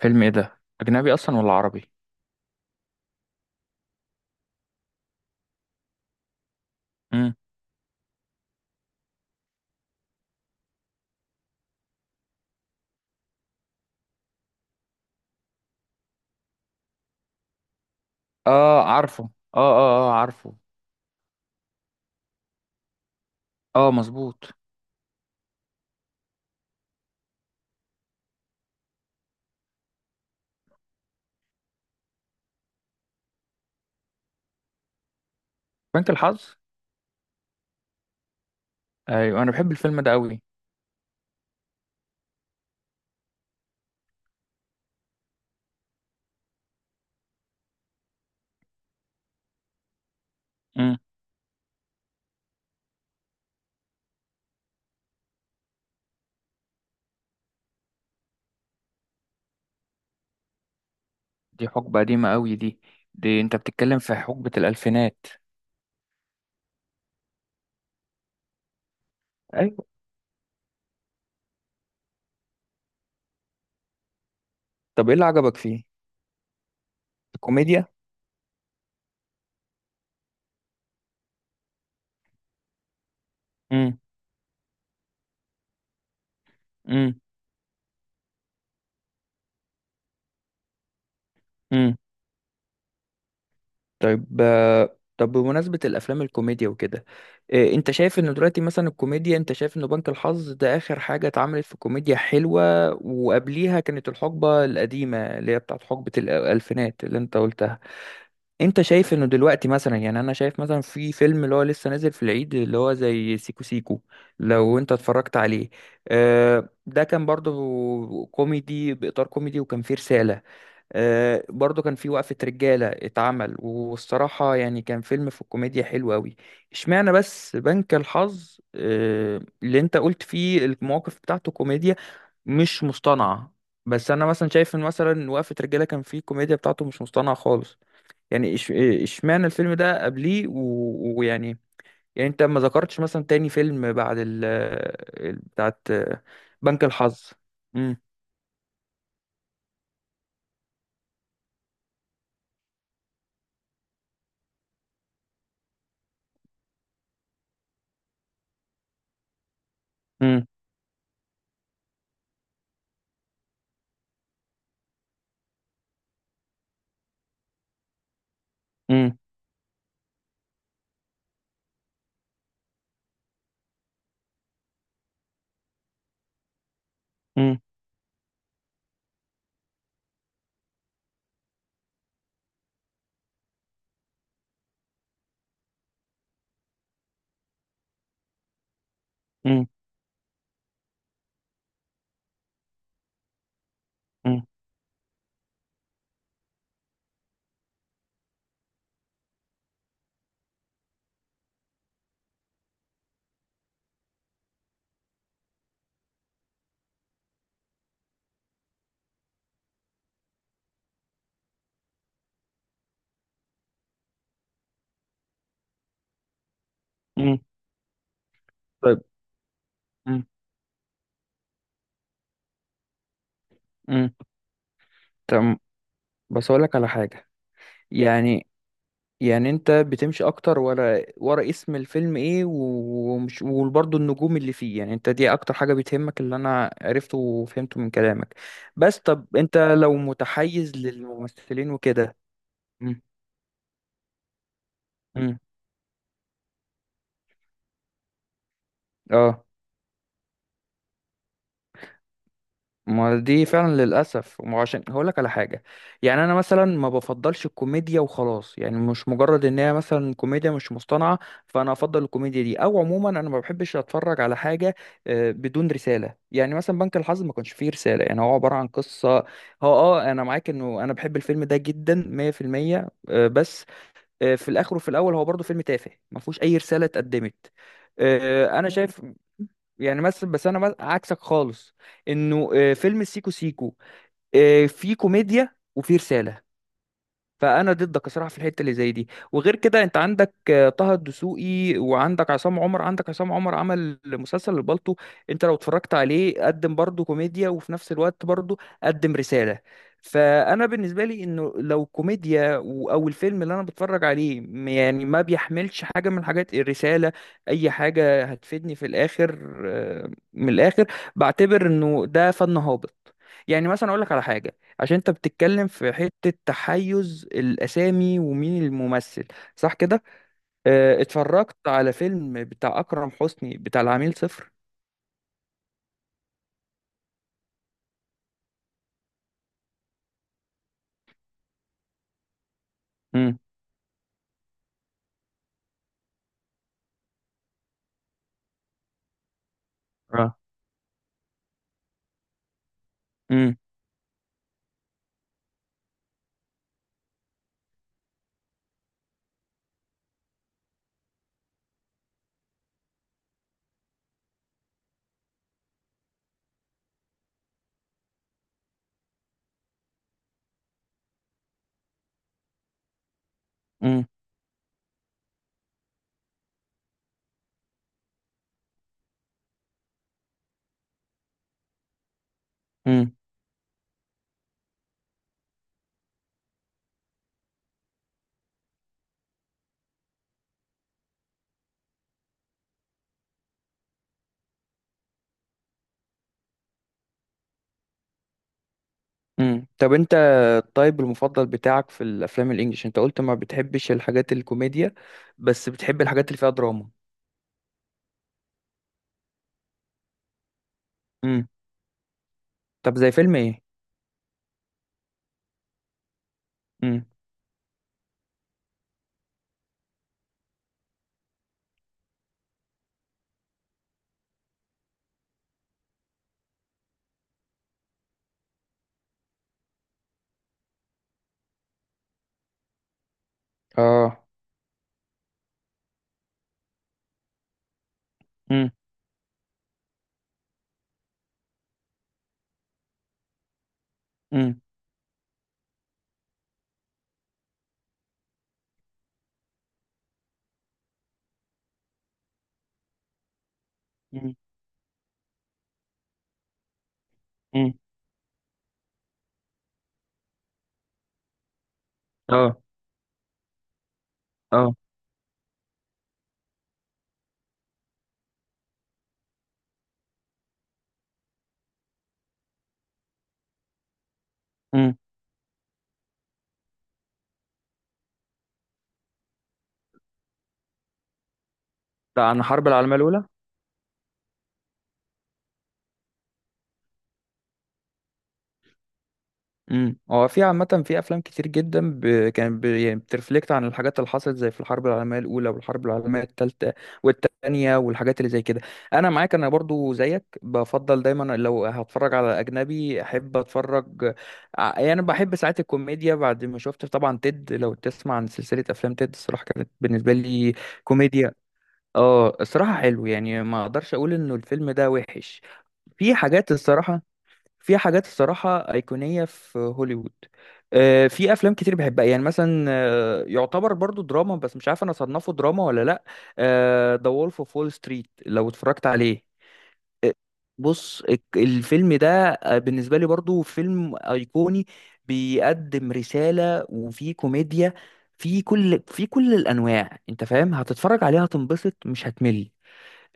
فيلم ايه ده، اجنبي اصلا ولا عربي؟ امم. اه، عارفه. اه، اه، اه، عارفه. اه، مظبوط. بنك الحظ. ايوه، انا بحب الفيلم ده قوي. امم. دي حقبة قديمة قوي دي. دي انت بتتكلم في حقبة الالفينات. ايوه. طب ايه اللي عجبك فيه؟ الكوميديا. امم. امم. طيب، طب بمناسبة الأفلام الكوميديا وكده. أنت شايف إن دلوقتي مثلا الكوميديا، أنت شايف إن بنك الحظ ده آخر حاجة اتعملت في كوميديا حلوة، وقبليها كانت الحقبة القديمة اللي هي بتاعت حقبة الألفينات اللي أنت قلتها؟ أنت شايف إنه دلوقتي مثلا، يعني أنا شايف مثلا في فيلم اللي هو لسه نازل في العيد اللي هو زي سيكو سيكو، لو أنت اتفرجت عليه، ده كان برضه كوميدي بإطار كوميدي وكان فيه رسالة. برضو كان في وقفة رجالة اتعمل، والصراحة يعني كان فيلم في الكوميديا حلو أوي. اشمعنى بس بنك الحظ اللي انت قلت فيه المواقف بتاعته كوميديا مش مصطنعة؟ بس أنا مثلا شايف إن مثلا وقفة رجالة كان فيه الكوميديا بتاعته مش مصطنعة خالص. يعني اشمعنى الفيلم ده قبليه ويعني. يعني انت ما ذكرتش مثلا تاني فيلم بعد بتاعت بنك الحظ. مم، مم، مم، مم، مم، مم. طيب. مم. مم. تمام. بس اقول لك على حاجه. يعني. يعني انت بتمشي اكتر ورا ورا اسم الفيلم ايه ومش، وبرضه النجوم اللي فيه، يعني انت دي اكتر حاجه بتهمك اللي انا عرفته وفهمته من كلامك. بس طب انت لو متحيز للممثلين وكده. مم. مم. اه، ما دي فعلا للاسف، ما هو عشان هقول لك على حاجه. يعني انا مثلا ما بفضلش الكوميديا وخلاص، يعني مش مجرد ان هي مثلا كوميديا مش مصطنعه فانا افضل الكوميديا دي، او عموما انا ما بحبش اتفرج على حاجه بدون رساله. يعني مثلا بنك الحظ ما كانش فيه رساله، يعني هو عباره عن قصه. هو انا معاك انه انا بحب الفيلم ده جدا 100% بس في الاخر وفي الاول هو برضه فيلم تافه ما فيهوش اي رساله اتقدمت. انا شايف يعني مثلا، بس انا عكسك خالص، انه فيلم سيكو سيكو فيه كوميديا وفيه رساله. فانا ضدك صراحه في الحته اللي زي دي. وغير كده، انت عندك طه الدسوقي، وعندك عصام عمر. عندك عصام عمر عمل مسلسل البالطو، انت لو اتفرجت عليه قدم برضه كوميديا وفي نفس الوقت برضه قدم رساله. فانا بالنسبه لي انه لو كوميديا او الفيلم اللي انا بتفرج عليه يعني ما بيحملش حاجه من حاجات الرساله، اي حاجه هتفيدني في الاخر من الاخر، بعتبر انه ده فن هابط. يعني مثلا اقول لك على حاجه، عشان انت بتتكلم في حتة تحيز الأسامي ومين الممثل، صح كده؟ اتفرجت على فيلم بتاع أكرم حسني بتاع العميل صفر. امم. اه. امم. امم. امم. امم. طب انت، الطيب المفضل بتاعك في الأفلام الإنجليش، انت قلت ما بتحبش الحاجات الكوميديا بس بتحب الحاجات اللي فيها دراما. امم. طب زي فيلم ايه؟ امم. اه. امم. امم. امم. امم. اه. اه. امم. ده عن الحرب العالمية الأولى؟ امم. هو في عامة في أفلام كتير جدا كان يعني بترفلكت عن الحاجات اللي حصلت زي في الحرب العالمية الأولى والحرب العالمية التالتة والتانية والحاجات اللي زي كده. أنا معاك، أنا برضو زيك بفضل دايما لو هتفرج على أجنبي أحب أتفرج. يعني بحب ساعات الكوميديا. بعد ما شفت طبعا تيد، لو تسمع عن سلسلة أفلام تيد، الصراحة كانت بالنسبة لي كوميديا. اه، الصراحة حلو، يعني ما اقدرش اقول انه الفيلم ده وحش. في حاجات الصراحة في حاجات الصراحة أيقونية في هوليوود. في أفلام كتير بحبها، يعني مثلا يعتبر برضو دراما، بس مش عارف أنا أصنفه دراما ولا لأ. ذا وولف أوف وول ستريت، لو اتفرجت عليه. آه، بص الفيلم ده بالنسبة لي برضو فيلم أيقوني، بيقدم رسالة وفي كوميديا، في كل الأنواع. أنت فاهم، هتتفرج عليها هتنبسط مش هتمل.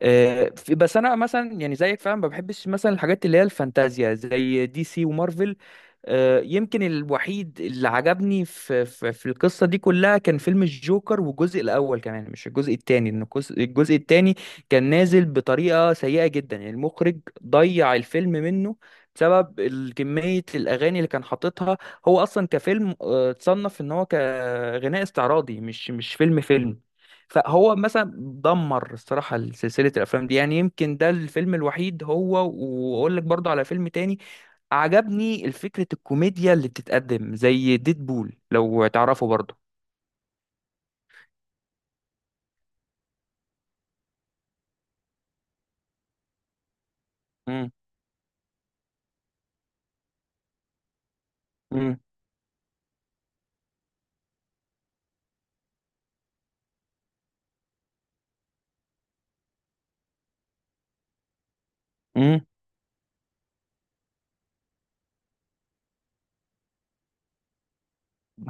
بس انا مثلا يعني زيك فعلا ما بحبش مثلا الحاجات اللي هي الفانتازيا زي دي سي ومارفل. يمكن الوحيد اللي عجبني في القصه دي كلها كان فيلم الجوكر، والجزء الاول كمان مش الجزء الثاني، لان الجزء الثاني كان نازل بطريقه سيئه جدا، يعني المخرج ضيع الفيلم منه بسبب كميه الاغاني اللي كان حاططها. هو اصلا كفيلم اتصنف ان هو كغناء استعراضي، مش فيلم فيلم. فهو مثلا دمر الصراحة سلسلة الأفلام دي. يعني يمكن ده الفيلم الوحيد هو، وأقول لك برضه على فيلم تاني عجبني الفكرة الكوميديا اللي بتتقدم زي ديدبول، لو تعرفه برضه. امم. امم. امم.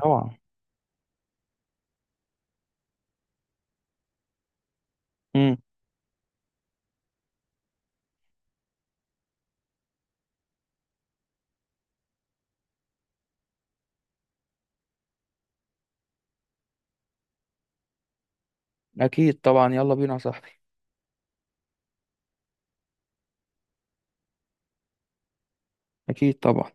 طبعا. امم. أكيد طبعا، يلا بينا يا صاحبي. أكيد طبعا.